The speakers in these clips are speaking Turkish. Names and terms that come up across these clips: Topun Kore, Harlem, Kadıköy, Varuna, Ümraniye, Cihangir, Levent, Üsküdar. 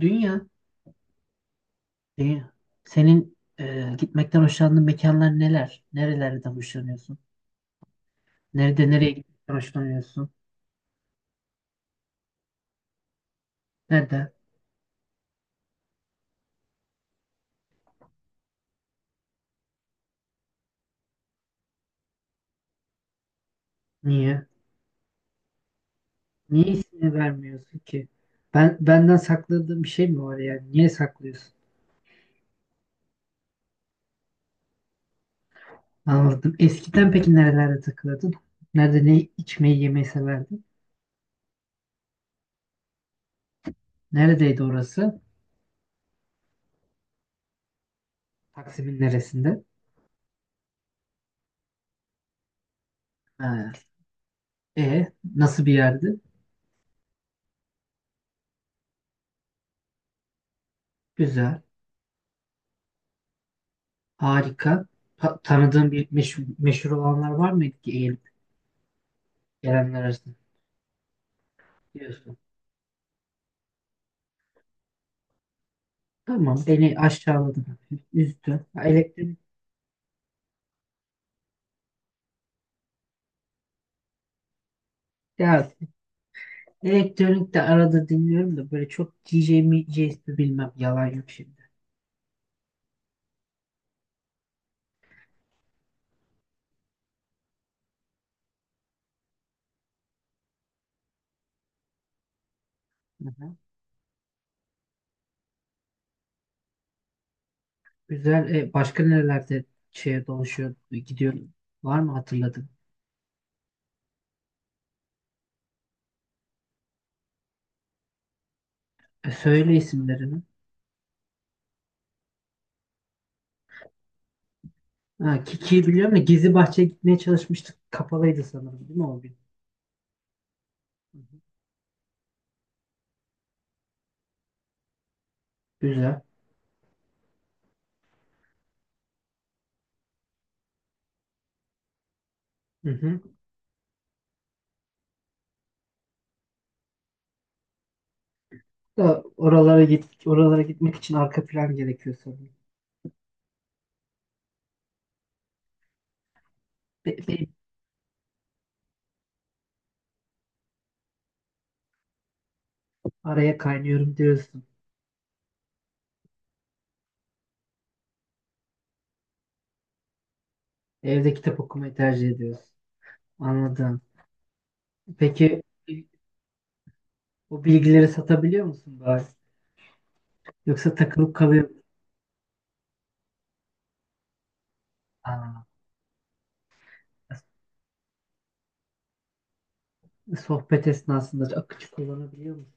Dünya, dünya. Senin gitmekten hoşlandığın mekanlar neler? Nerelerden hoşlanıyorsun? Nerede nereye gitmekten hoşlanıyorsun? Nerede? Niye? Niye ismini vermiyorsun ki? Ben benden sakladığın bir şey mi var yani? Niye saklıyorsun? Anladım. Eskiden peki nerelerde takılırdın? Nerede ne içmeyi yemeyi severdin? Neredeydi orası? Taksim'in neresinde? Ha. E nasıl bir yerdi? Güzel. Harika. Tanıdığın bir meşhur olanlar var mıydı ki Gelenler arasında diyorsun. Tamam beni aşağıladı. Üzdü. Ha, ya elektronik de arada dinliyorum da böyle çok DJ mi JS bilmem yalan yok şimdi. Hı-hı. Güzel. Başka nerelerde şeye dolaşıyor gidiyorum. Var mı hatırladın? Söyle isimlerini. Ha, Kiki'yi biliyorum da Gizli Bahçe'ye gitmeye çalışmıştık. Kapalıydı sanırım değil mi o gün? Hı hı. Güzel. Hı hı. Da oralara gitmek için arka plan gerekiyor sanırım. Be- be- Araya kaynıyorum diyorsun. Evde kitap okumayı tercih ediyorsun. Anladım. Peki o bilgileri satabiliyor musun bari? Yoksa takılıp kalıyor musun? Aa, sohbet esnasında akıcı kullanabiliyor musun?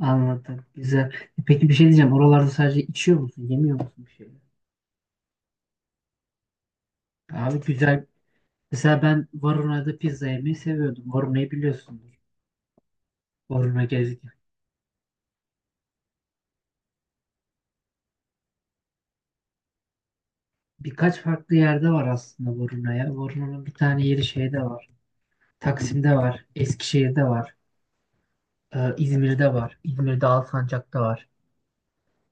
Anladım. Güzel. Peki bir şey diyeceğim. Oralarda sadece içiyor musun? Yemiyor musun bir şeyler? Abi güzel. Mesela ben Varuna'da pizza yemeyi seviyordum. Varuna'yı biliyorsundur. Varuna gezgin. Birkaç farklı yerde var aslında Varuna'ya. Varuna'nın bir tane yeri şeyde var. Taksim'de var. Eskişehir'de var. İzmir'de var. İzmir'de Alsancak'ta var.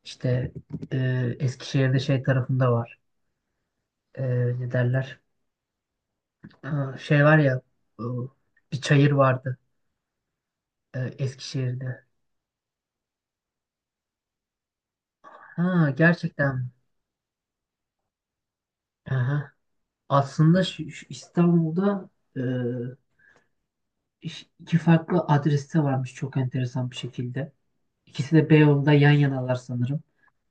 İşte Eskişehir'de şey tarafında var. E, ne derler? Aa, şey var ya e, bir çayır vardı Eskişehir'de. Ha, gerçekten mi? Aha. Aslında şu İstanbul'da e, iki farklı adreste varmış çok enteresan bir şekilde. İkisi de Beyoğlu'nda yan yanalar sanırım.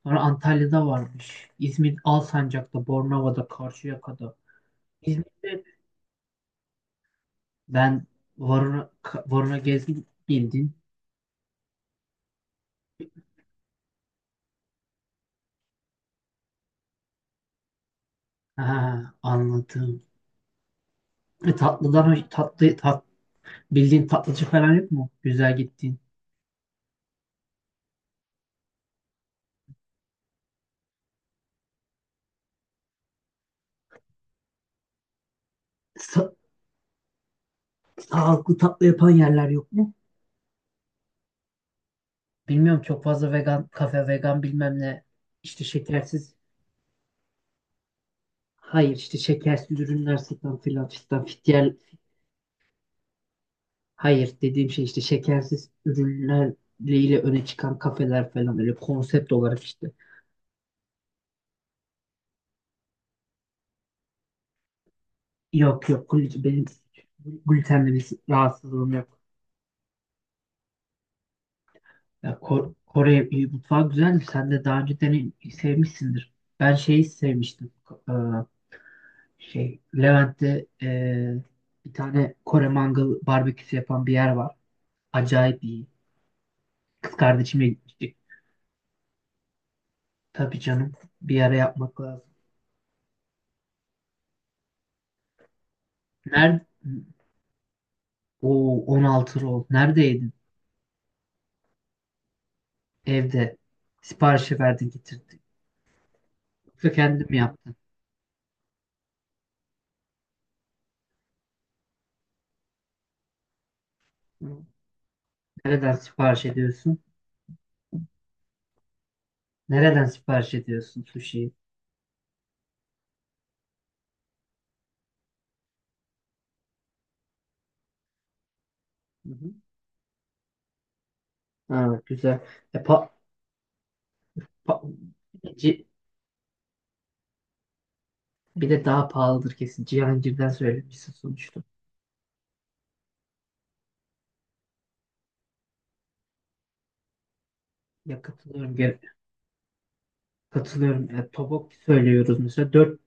Sonra Antalya'da varmış. İzmir Alsancak'ta, Bornova'da, Karşıyaka'da. İzmir'de. Ben Varuna gezdim bildin. Ha, anladım. E, tatlıdan tatlı tat, bildiğin tatlıcı falan yok mu? Güzel gittiğin. Sa- sağlıklı tatlı yapan yerler yok mu? Bilmiyorum çok fazla vegan kafe vegan bilmem ne. İşte şekersiz. Hayır işte şekersiz ürünler satan filan fistan fit. Hayır dediğim şey işte şekersiz ürünlerle öne çıkan kafeler falan öyle konsept olarak işte. Yok yok benim glutenle bir rahatsızlığım yok. Ya Kore mutfağı güzel. Sen de daha önce dene sevmişsindir. Ben şeyi sevmiştim. Ee, şey Levent'te bir tane Kore mangal barbeküsü yapan bir yer var. Acayip iyi. Kız kardeşimle gitmiştik. Tabii canım. Bir ara yapmak lazım. Nerede? O 16 rol. Nerede yedin? Evde. Siparişi verdin getirdin. Yoksa kendin mi yaptın? Hı. Nereden sipariş ediyorsun? Nereden sipariş ediyorsun sushi'yi? Hı hı. Ha, güzel. E, pa- Pa- Ci- bir de daha pahalıdır kesin. Cihangir'den söylemişsin sonuçta. Ya katılıyorum. Gene. Katılıyorum. Ya tobok söylüyoruz mesela. Dört,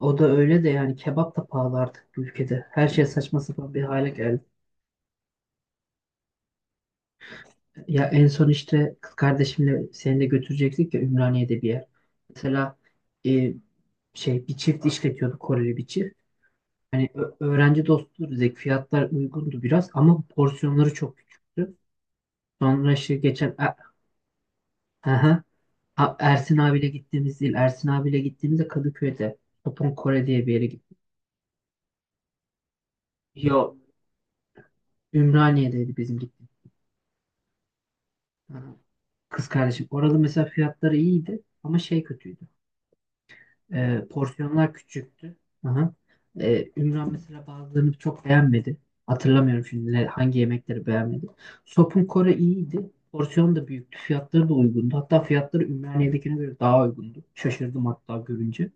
o da öyle de yani kebap da pahalı artık bu ülkede. Her şey saçma sapan bir hale geldi. Ya en son işte kız kardeşimle seni de götürecektik ya Ümraniye'de bir yer. Mesela e, şey bir çift işletiyordu Koreli bir çift. Hani öğrenci dostu dedik. Fiyatlar uygundu biraz ama porsiyonları çok küçüktü. Sonra işte geçen Aha. Ersin abiyle gittiğimiz değil. Ersin abiyle gittiğimizde Kadıköy'de. Topun Kore diye bir yere gittik. Yo, Ümraniye'deydi bizim gittiğimiz. Aha. Kız kardeşim. Orada mesela fiyatları iyiydi ama şey kötüydü. Porsiyonlar küçüktü. Aha. Ümran mesela bazılarını çok beğenmedi. Hatırlamıyorum şimdi hangi yemekleri beğenmedi. Sopun Kore iyiydi. Porsiyon da büyüktü. Fiyatları da uygundu. Hatta fiyatları Ümraniye'dekine göre daha uygundu. Şaşırdım hatta görünce.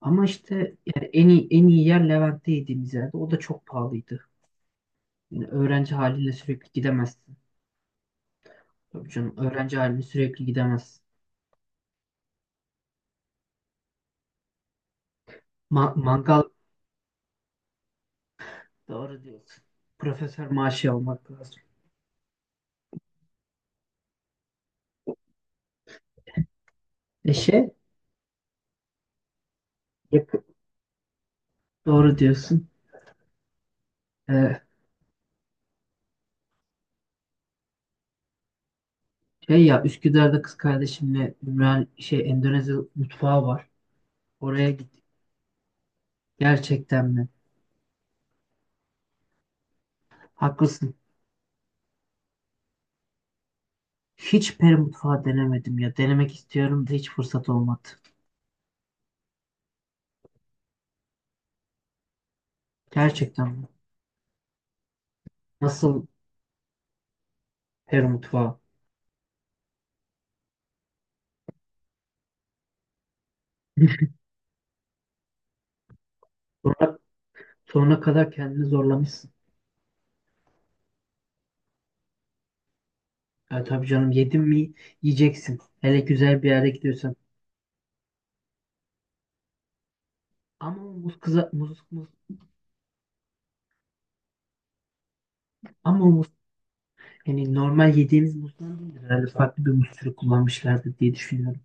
Ama işte yani en iyi yer Levent'te yediğimiz yerde. O da çok pahalıydı. Yani öğrenci haline sürekli gidemezsin. Tabii canım öğrenci haline sürekli gidemezsin. Mangal doğru diyorsun. Profesör maaşı almak lazım. E şey yak- doğru diyorsun. E, şey ya Üsküdar'da kız kardeşimle Ümran şey Endonezya mutfağı var. Oraya gittik. Gerçekten mi? Haklısın. Hiç peri mutfağı denemedim ya. Denemek istiyorum da hiç fırsat olmadı. Gerçekten mi? Nasıl peri mutfağı? Sonra, sonra kadar kendini zorlamışsın. Ya tabii canım yedin mi yiyeceksin. Hele güzel bir yere gidiyorsan. Ama o muz hani normal yediğimiz muzdan değildir. Herhalde farklı bir muz türü kullanmışlardır diye düşünüyorum.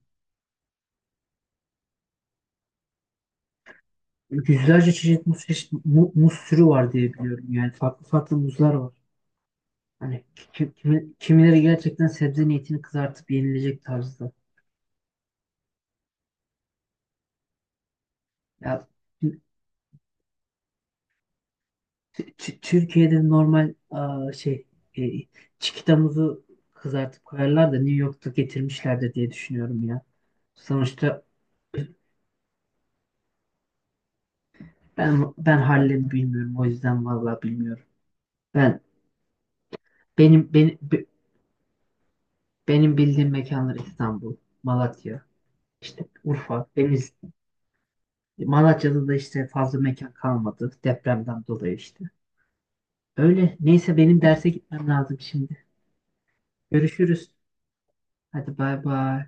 Yüzlerce çeşit muz türü var diye biliyorum. Yani farklı farklı muzlar var. Hani kimileri gerçekten sebze niyetini kızartıp yenilecek tarzda. Ya Türkiye'de normal e, çikitamızı kızartıp koyarlar da New York'ta getirmişlerdir diye düşünüyorum ya. Sonuçta ben Harlem'i bilmiyorum o yüzden vallahi bilmiyorum. Ben benim benim be- benim bildiğim mekanlar İstanbul, Malatya, işte Urfa, Denizli. Malatya'da da işte fazla mekan kalmadı depremden dolayı işte. Öyle. Neyse benim derse gitmem lazım şimdi. Görüşürüz. Hadi bay bay.